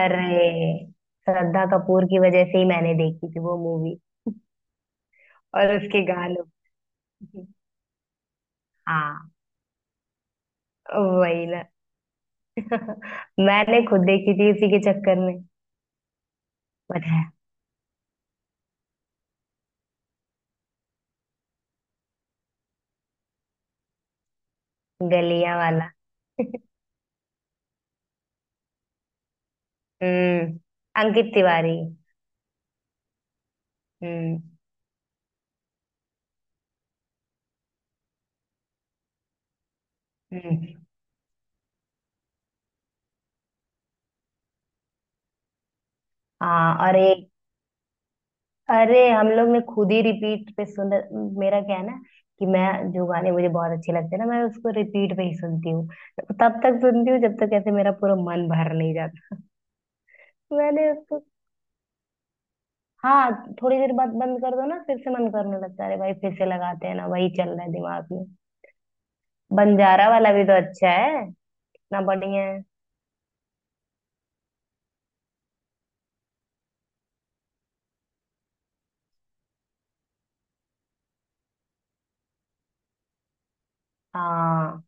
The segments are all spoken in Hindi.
अरे, श्रद्धा कपूर की वजह से ही मैंने देखी थी वो मूवी और उसके गानों की। हाँ, वही ना। मैंने खुद देखी थी उसी के चक्कर में। पता है। गलियां वाला। हम्म। अंकित तिवारी। हम्म। हम्म। हाँ, और एक। अरे, हम लोग ने खुद ही रिपीट पे सुन। मेरा क्या है ना कि मैं जो गाने मुझे बहुत अच्छे लगते हैं ना, मैं उसको रिपीट पे ही सुनती हूँ। तब तक सुनती हूँ जब तक ऐसे मेरा पूरा मन भर नहीं जाता। मैंने उसको। हाँ। थोड़ी देर बाद बंद कर दो ना फिर से मन करने लगता है। अरे भाई, फिर से लगाते हैं ना, वही चल रहा है दिमाग में। बंजारा वाला भी तो अच्छा है ना, बढ़िया है। हाँ,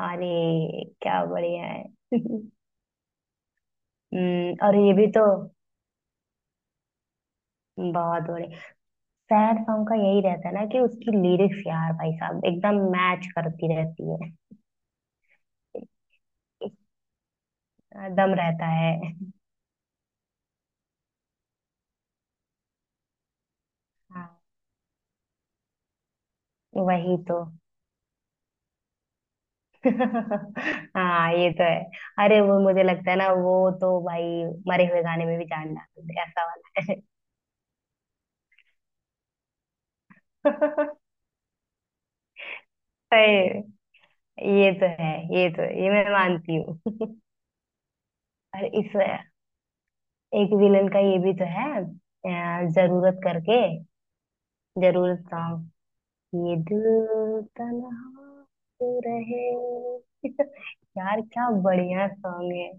अरे क्या बढ़िया है। और ये भी तो बहुत बढ़िया। सैड सॉन्ग का यही रहता है ना कि उसकी लिरिक्स यार भाई साहब एकदम मैच करती रहती है। दम रहता है। हाँ, वही तो। हाँ, ये तो है। अरे, वो मुझे लगता है ना, वो तो भाई मरे हुए गाने में भी जान डालते हैं, ऐसा वाला है। सही, ये तो है। ये तो, ये मैं मानती हूँ। और इस एक विलन का ये भी तो है जरूरत करके। जरूरत सॉन्ग, ये दिल तन्हा तो रहे। यार, क्या बढ़िया सॉन्ग है।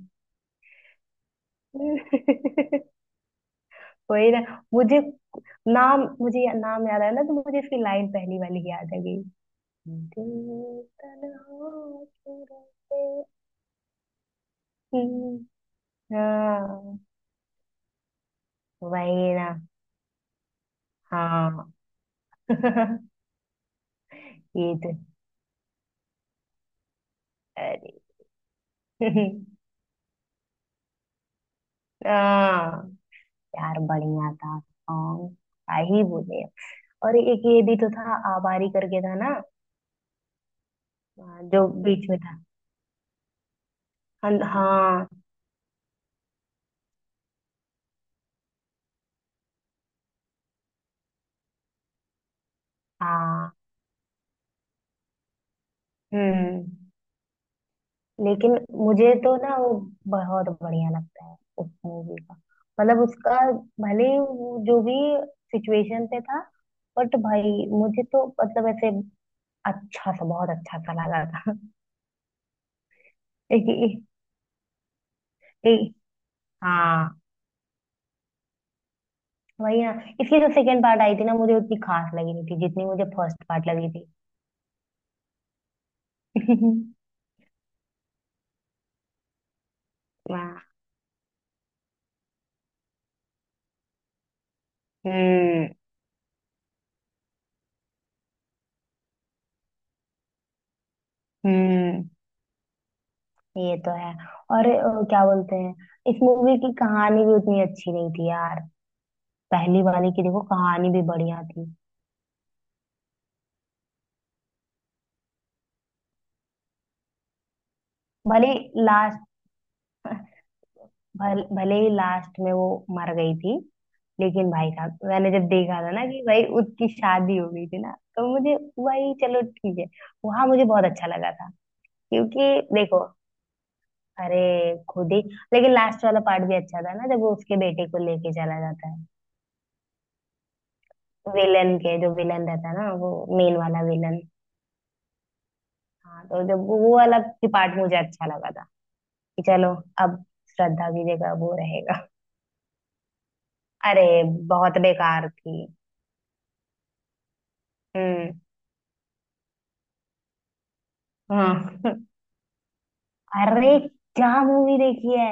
वही ना। मुझे मुझे नाम याद आया ना, तो मुझे इसकी लाइन पहली वाली याद आ गई। दिल तन्हा क्यों रहते? हम्म, हाँ, वही ना। हाँ। ये तो, अरे। हाँ, यार बढ़िया था सॉन्ग, क्या ही बोले। और एक ये भी तो था आबारी करके था ना, जो बीच में था। हाँ, हाँ, हाँ, हम्म। लेकिन मुझे तो ना वो बहुत बढ़िया लगता है उस मूवी का, मतलब उसका, भले ही वो जो भी सिचुएशन पे था, बट भाई, मुझे तो मतलब ऐसे अच्छा सा बहुत अच्छा सा लगा था। एक, एक, एक, हाँ, वही ना। इसकी जो सेकंड पार्ट आई थी ना मुझे उतनी खास लगी नहीं थी जितनी मुझे फर्स्ट पार्ट लगी थी। वाह। हम्म। हम्म। ये तो है। और क्या बोलते हैं, इस मूवी की कहानी भी उतनी अच्छी नहीं थी यार। पहली वाली की देखो, कहानी भी बढ़िया थी। भले लास्ट भले ही लास्ट में वो मर गई थी, लेकिन भाई साहब, मैंने जब देखा था ना कि भाई उसकी शादी हो गई थी ना, तो मुझे वही, चलो ठीक है, वहां मुझे बहुत अच्छा लगा था। क्योंकि देखो, अरे, खुद ही। लेकिन लास्ट वाला पार्ट भी अच्छा था ना, जब वो उसके बेटे को लेके चला जाता है। विलन के जो विलन रहता है ना वो, मेन वाला विलन। हाँ, तो जब वो वाला पार्ट मुझे अच्छा लगा था कि चलो, अब श्रद्धा की जगह वो रहेगा। अरे, बहुत बेकार थी। हम्म। हाँ। अरे, क्या मूवी देखी है,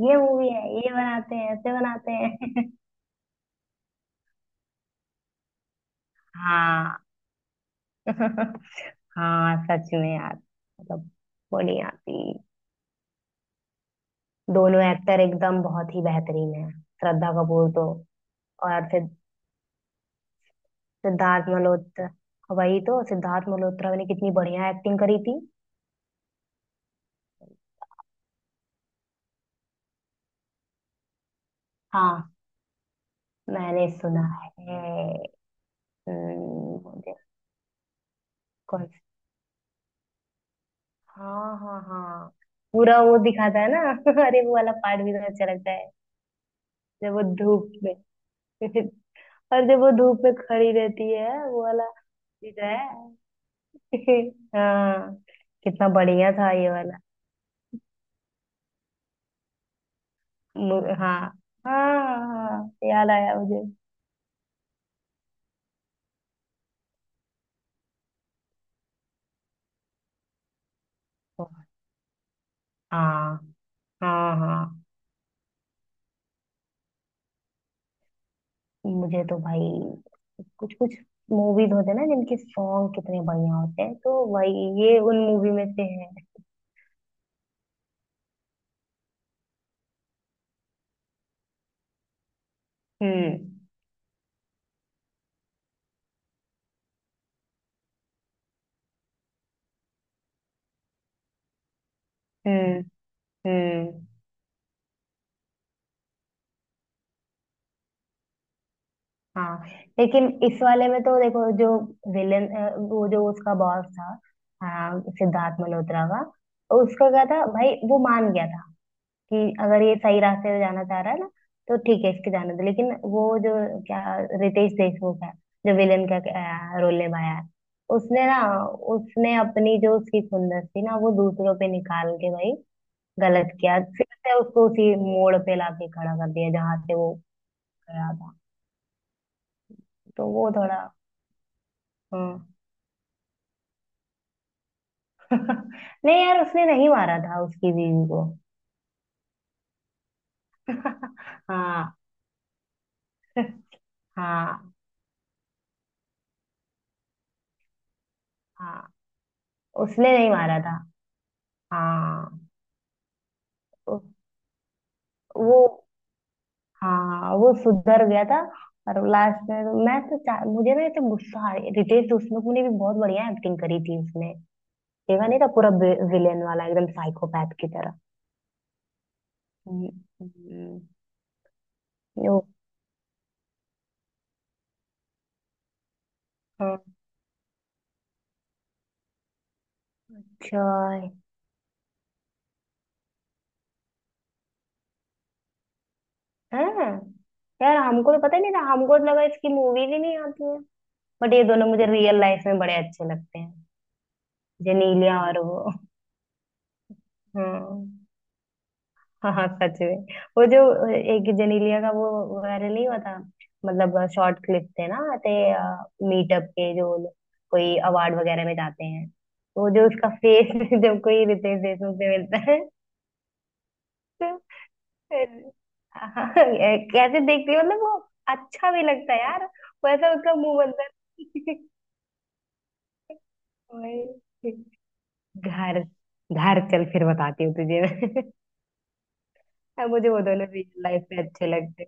ये मूवी है ये बनाते हैं, ऐसे बनाते हैं। हाँ। हाँ, सच में यार, मतलब वो नहीं आती। दोनों एक्टर एकदम बहुत ही बेहतरीन है। श्रद्धा कपूर तो, और सिद्धार्थ मल्होत्रा, वही तो, सिद्धार्थ मल्होत्रा ने कितनी बढ़िया एक्टिंग करी थी। हाँ, मैंने सुना है। हम्म। कौन? हाँ, हाँ, हाँ, पूरा वो दिखाता है ना। अरे, वो वाला पार्ट भी तो अच्छा लगता है। जब वो धूप में। और जब वो धूप में खड़ी रहती है वो वाला भी तो है। हाँ, कितना बढ़िया था ये वाला। हाँ, हाँ, हाँ, याद आया मुझे। हाँ, हाँ, हाँ। मुझे तो भाई कुछ कुछ मूवीज होते हैं ना जिनके सॉन्ग कितने बढ़िया होते हैं, तो भाई, ये उन मूवी में से है। हम्म। हम्म। हम्म। हाँ, लेकिन इस वाले में तो देखो जो विलेन, वो जो उसका बॉस था। हाँ, सिद्धार्थ मल्होत्रा का। उसका क्या था भाई, वो मान गया था कि अगर ये सही रास्ते में जाना चाह रहा है ना, तो ठीक है, इसके जाने दो। लेकिन वो जो क्या, रितेश देशमुख है, जो विलेन का रोल निभाया है, उसने ना, उसने अपनी जो उसकी खुंदस थी ना वो दूसरों पे निकाल के भाई गलत किया, फिर से उसको उसी मोड़ पे लाके खड़ा कर दिया जहां से वो गया था। तो वो थोड़ा, हम्म। नहीं यार, उसने नहीं मारा था उसकी बीवी को। हाँ, हाँ, हाँ। उसने नहीं मारा था। हाँ, उ- वो, हाँ, वो सुधर गया था। और लास्ट में तो मैं तो मुझे ना तो गुस्सा रितेश देशमुख ने भी बहुत बढ़िया एक्टिंग करी थी उसने, देखा नहीं था पूरा विलेन वाला एकदम साइकोपैथ की तरह। हम्म। हम्म। ओ, हाँ, अच्छा है हाँ। यार, हमको तो पता ही नहीं था, हमको तो लगा इसकी मूवीज ही नहीं आती। बट ये दोनों मुझे रियल लाइफ में बड़े अच्छे लगते हैं, जेनेलिया और वो। हम्म। हाँ, हाँ, सच में। वो जो एक जेनेलिया का वो वायरल नहीं हुआ था, मतलब शॉर्ट क्लिप थे ना, ते मीटअप के, जो लोग कोई अवार्ड वगैरह में जाते हैं, तो वो जो उसका फेस। जब कोई रितेश देशमुख से मिलता है तो फिर- हाँ, कैसे देखती है, मतलब वो अच्छा भी लगता है यार। वैसा उसका मुंह बनता है। वही। घर घर चल, फिर बताती हूँ तुझे मैं। अब मुझे वो दोनों रियल लाइफ में अच्छे लगते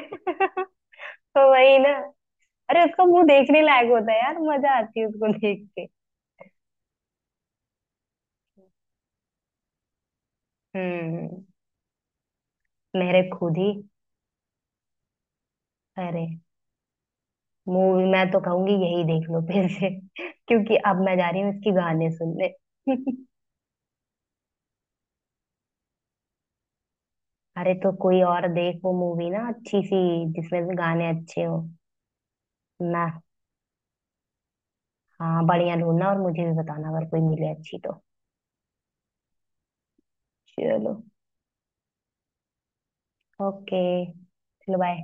हैं। तो वही ना, अरे उसका मुंह देखने लायक होता है यार, मजा आती है उसको देख के। हम्म। मेरे खुद ही, अरे मूवी मैं तो कहूंगी यही देख लो फिर से। क्योंकि अब मैं जा रही हूँ इसकी गाने सुनने। अरे, तो कोई और देख वो मूवी ना अच्छी सी, जिसमें भी गाने अच्छे हो ना। हाँ, बढ़िया ढूंढना और मुझे भी बताना अगर कोई मिले अच्छी तो। चलो, ओके, चलो बाय।